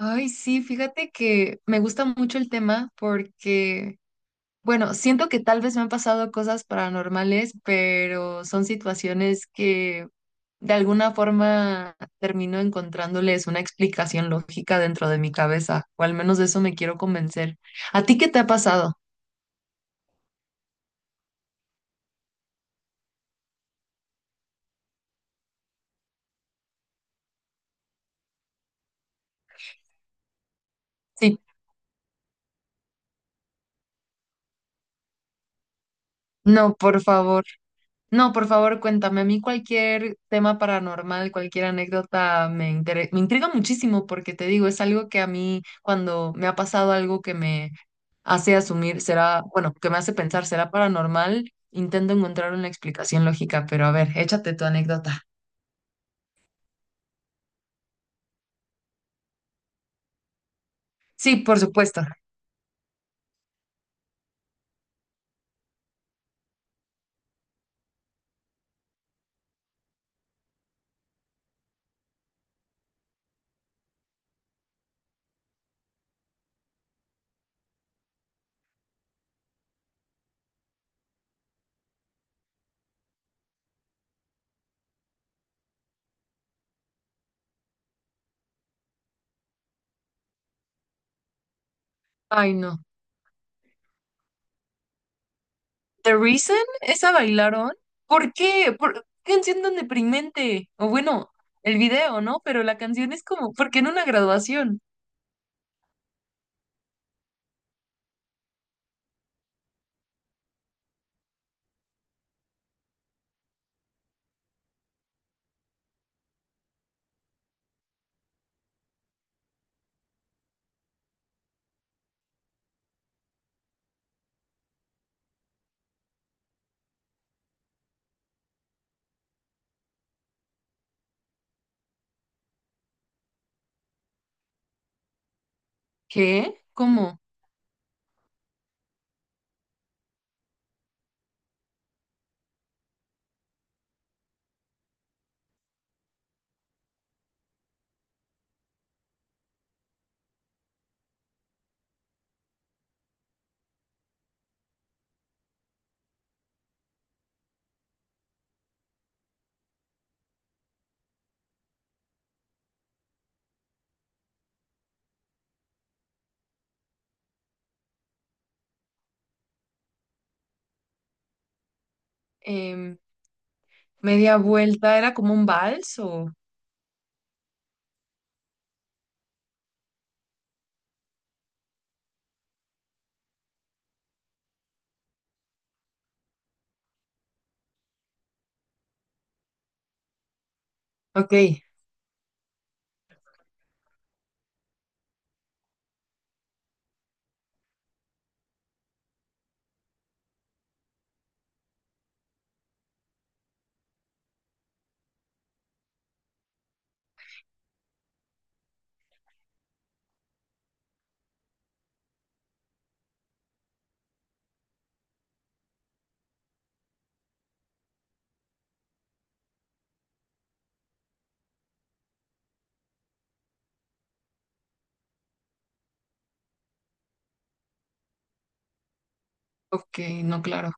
Ay, sí, fíjate que me gusta mucho el tema porque, bueno, siento que tal vez me han pasado cosas paranormales, pero son situaciones que de alguna forma termino encontrándoles una explicación lógica dentro de mi cabeza, o al menos de eso me quiero convencer. ¿A ti qué te ha pasado? Sí, no, por favor. No, por favor, cuéntame. A mí cualquier tema paranormal, cualquier anécdota me intriga muchísimo porque te digo, es algo que a mí cuando me ha pasado algo que me hace asumir, será, bueno, que me hace pensar, será paranormal, intento encontrar una explicación lógica, pero a ver, échate tu anécdota. Sí, por supuesto. Ay, no. The Reason, esa bailaron. ¿Por qué? ¿Por qué canción tan deprimente? O bueno, el video, ¿no? Pero la canción es como, ¿por qué en una graduación? ¿Qué? ¿Cómo? em, Media vuelta, ¿era como un vals o...? Ok, ok, no, claro.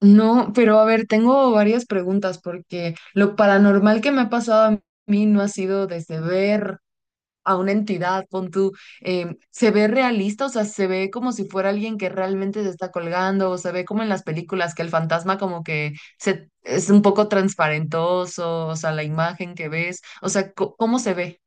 No, pero a ver, tengo varias preguntas porque lo paranormal que me ha pasado a mí no ha sido desde ver a una entidad, pon tú, em, se ve realista, o sea, se ve como si fuera alguien que realmente se está colgando, o se ve como en las películas que el fantasma como que se, es un poco transparentoso, o sea, la imagen que ves, o sea, ¿cómo se ve?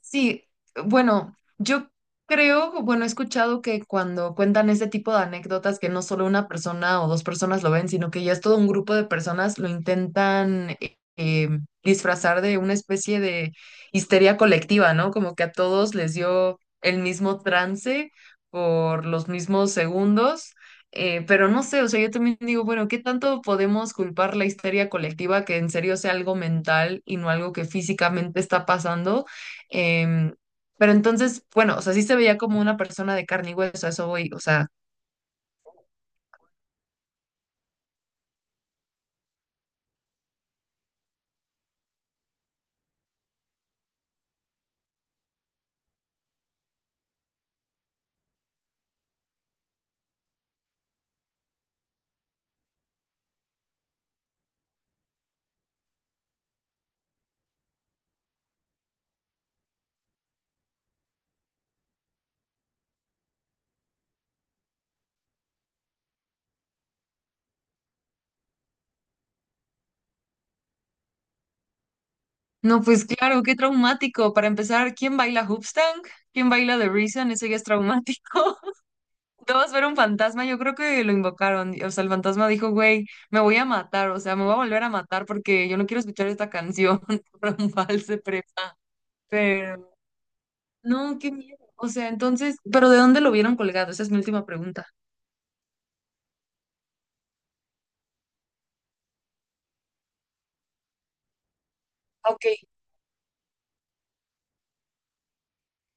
Sí, bueno, yo creo, bueno, he escuchado que cuando cuentan este tipo de anécdotas, que no solo una persona o dos personas lo ven, sino que ya es todo un grupo de personas lo intentan disfrazar de una especie de histeria colectiva, ¿no? Como que a todos les dio el mismo trance por los mismos segundos. Pero no sé, o sea, yo también digo, bueno, ¿qué tanto podemos culpar la histeria colectiva que en serio sea algo mental y no algo que físicamente está pasando? Em, pero entonces, bueno, o sea, sí se veía como una persona de carne y hueso, a eso voy, o sea, no, pues claro, qué traumático. Para empezar, ¿quién baila Hoopstank? ¿Quién baila The Reason? Eso ya es traumático. Dos, ver un fantasma, yo creo que lo invocaron, o sea, el fantasma dijo, güey, me voy a matar, o sea, me voy a volver a matar porque yo no quiero escuchar esta canción por un vals de prepa. Pero, no, qué miedo. O sea, entonces, ¿pero de dónde lo vieron colgado? Esa es mi última pregunta. Ok,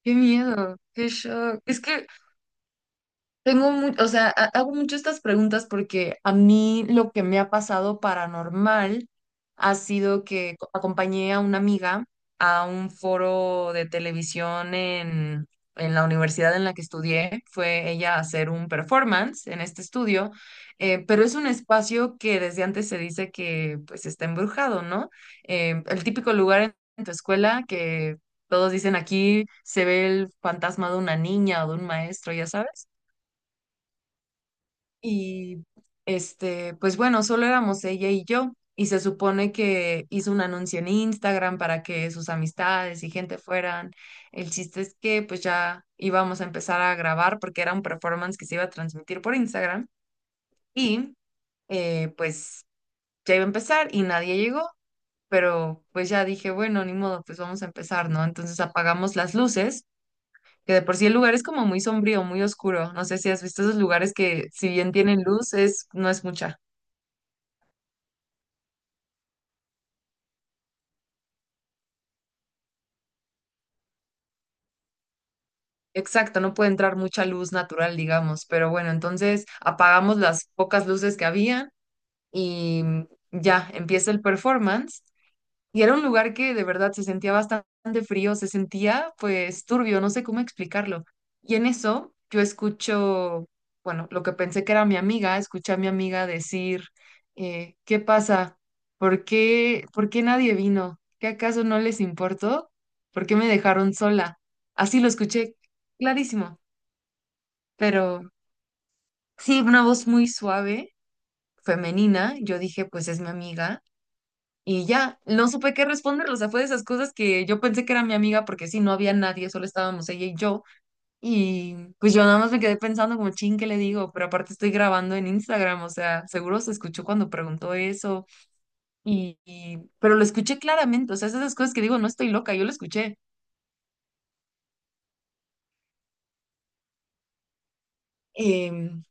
qué miedo, qué shock. Es que tengo o sea, hago mucho estas preguntas porque a mí lo que me ha pasado paranormal ha sido que acompañé a una amiga a un foro de televisión en la universidad en la que estudié. Fue ella a hacer un performance en este estudio, pero es un espacio que desde antes se dice que pues está embrujado, ¿no? El típico lugar en tu escuela que todos dicen aquí se ve el fantasma de una niña o de un maestro, ya sabes. Y este, pues bueno, solo éramos ella y yo. Y se supone que hizo un anuncio en Instagram para que sus amistades y gente fueran. El chiste es que pues ya íbamos a empezar a grabar porque era un performance que se iba a transmitir por Instagram. Y pues ya iba a empezar y nadie llegó. Pero pues ya dije, bueno, ni modo, pues vamos a empezar, ¿no? Entonces apagamos las luces, que de por sí el lugar es como muy sombrío, muy oscuro. No sé si has visto esos lugares que si bien tienen luz, es, no es mucha. Exacto, no puede entrar mucha luz natural, digamos, pero bueno, entonces apagamos las pocas luces que habían y ya empieza el performance. Y era un lugar que de verdad se sentía bastante frío, se sentía pues turbio, no sé cómo explicarlo. Y en eso yo escucho, bueno, lo que pensé que era mi amiga, escuché a mi amiga decir, ¿qué pasa? ¿Por qué nadie vino? ¿Qué acaso no les importó? ¿Por qué me dejaron sola? Así lo escuché clarísimo. Pero sí, una voz muy suave, femenina. Yo dije, pues es mi amiga. Y ya, no supe qué responder. O sea, fue de esas cosas que yo pensé que era mi amiga porque sí, no había nadie, solo estábamos ella y yo. Y pues yo nada más me quedé pensando como, chin, ¿qué le digo? Pero aparte estoy grabando en Instagram, o sea, seguro se escuchó cuando preguntó eso. Pero lo escuché claramente. O sea, es de esas cosas que digo, no estoy loca, yo lo escuché. Em,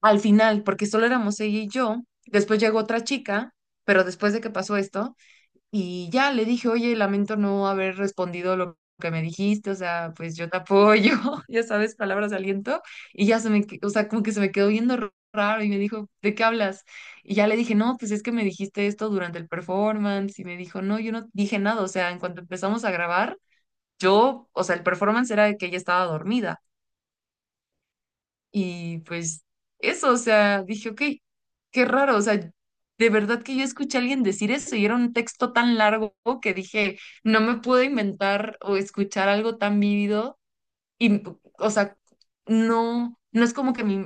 al final, porque solo éramos ella y yo. Después llegó otra chica, pero después de que pasó esto. Y ya le dije, oye, lamento no haber respondido lo que me dijiste, o sea, pues yo te apoyo, ya sabes, palabras de aliento. Y ya se me, que- o sea, como que se me quedó viendo raro y me dijo, ¿de qué hablas? Y ya le dije, no, pues es que me dijiste esto durante el performance. Y me dijo, no, yo no dije nada, o sea, en cuanto empezamos a grabar, yo, o sea, el performance era de que ella estaba dormida. Y pues eso, o sea, dije, ok, qué raro, o sea, de verdad que yo escuché a alguien decir eso y era un texto tan largo que dije, no me puedo inventar o escuchar algo tan vívido y, o sea, no, no es como que mi,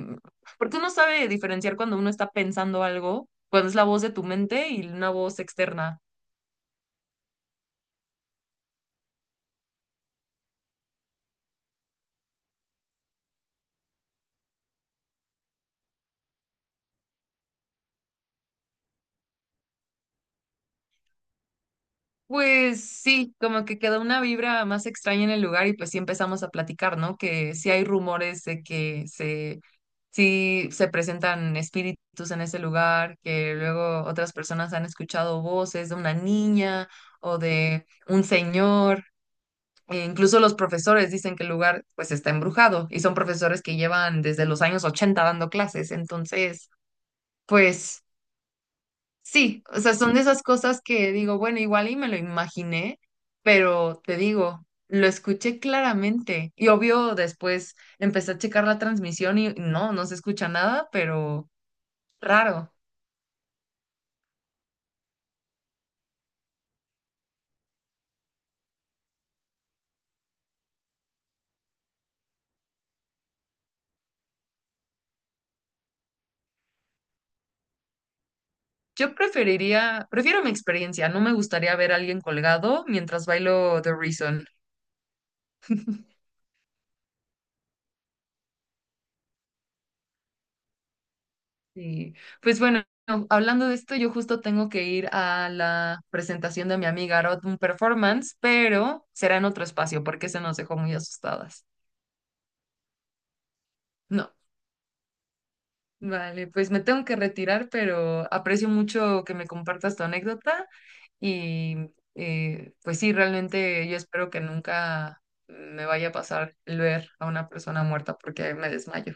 porque uno sabe diferenciar cuando uno está pensando algo, cuando es la voz de tu mente y una voz externa. Pues sí, como que quedó una vibra más extraña en el lugar y pues sí empezamos a platicar, ¿no? Que sí hay rumores de que se Si se presentan espíritus en ese lugar, que luego otras personas han escuchado voces de una niña o de un señor. E incluso los profesores dicen que el lugar pues está embrujado y son profesores que llevan desde los años 80 dando clases. Entonces, pues sí, o sea, son de esas cosas que digo, bueno, igual y me lo imaginé, pero te digo, lo escuché claramente y obvio después empecé a checar la transmisión y no, no se escucha nada, pero... Raro. Yo preferiría, prefiero mi experiencia. No me gustaría ver a alguien colgado mientras bailo The Reason. Y pues bueno, no, hablando de esto, yo justo tengo que ir a la presentación de mi amiga Arot, un performance, pero será en otro espacio porque se nos dejó muy asustadas. No, vale, pues me tengo que retirar, pero aprecio mucho que me compartas tu anécdota. Y pues sí, realmente yo espero que nunca me vaya a pasar el ver a una persona muerta porque me desmayo.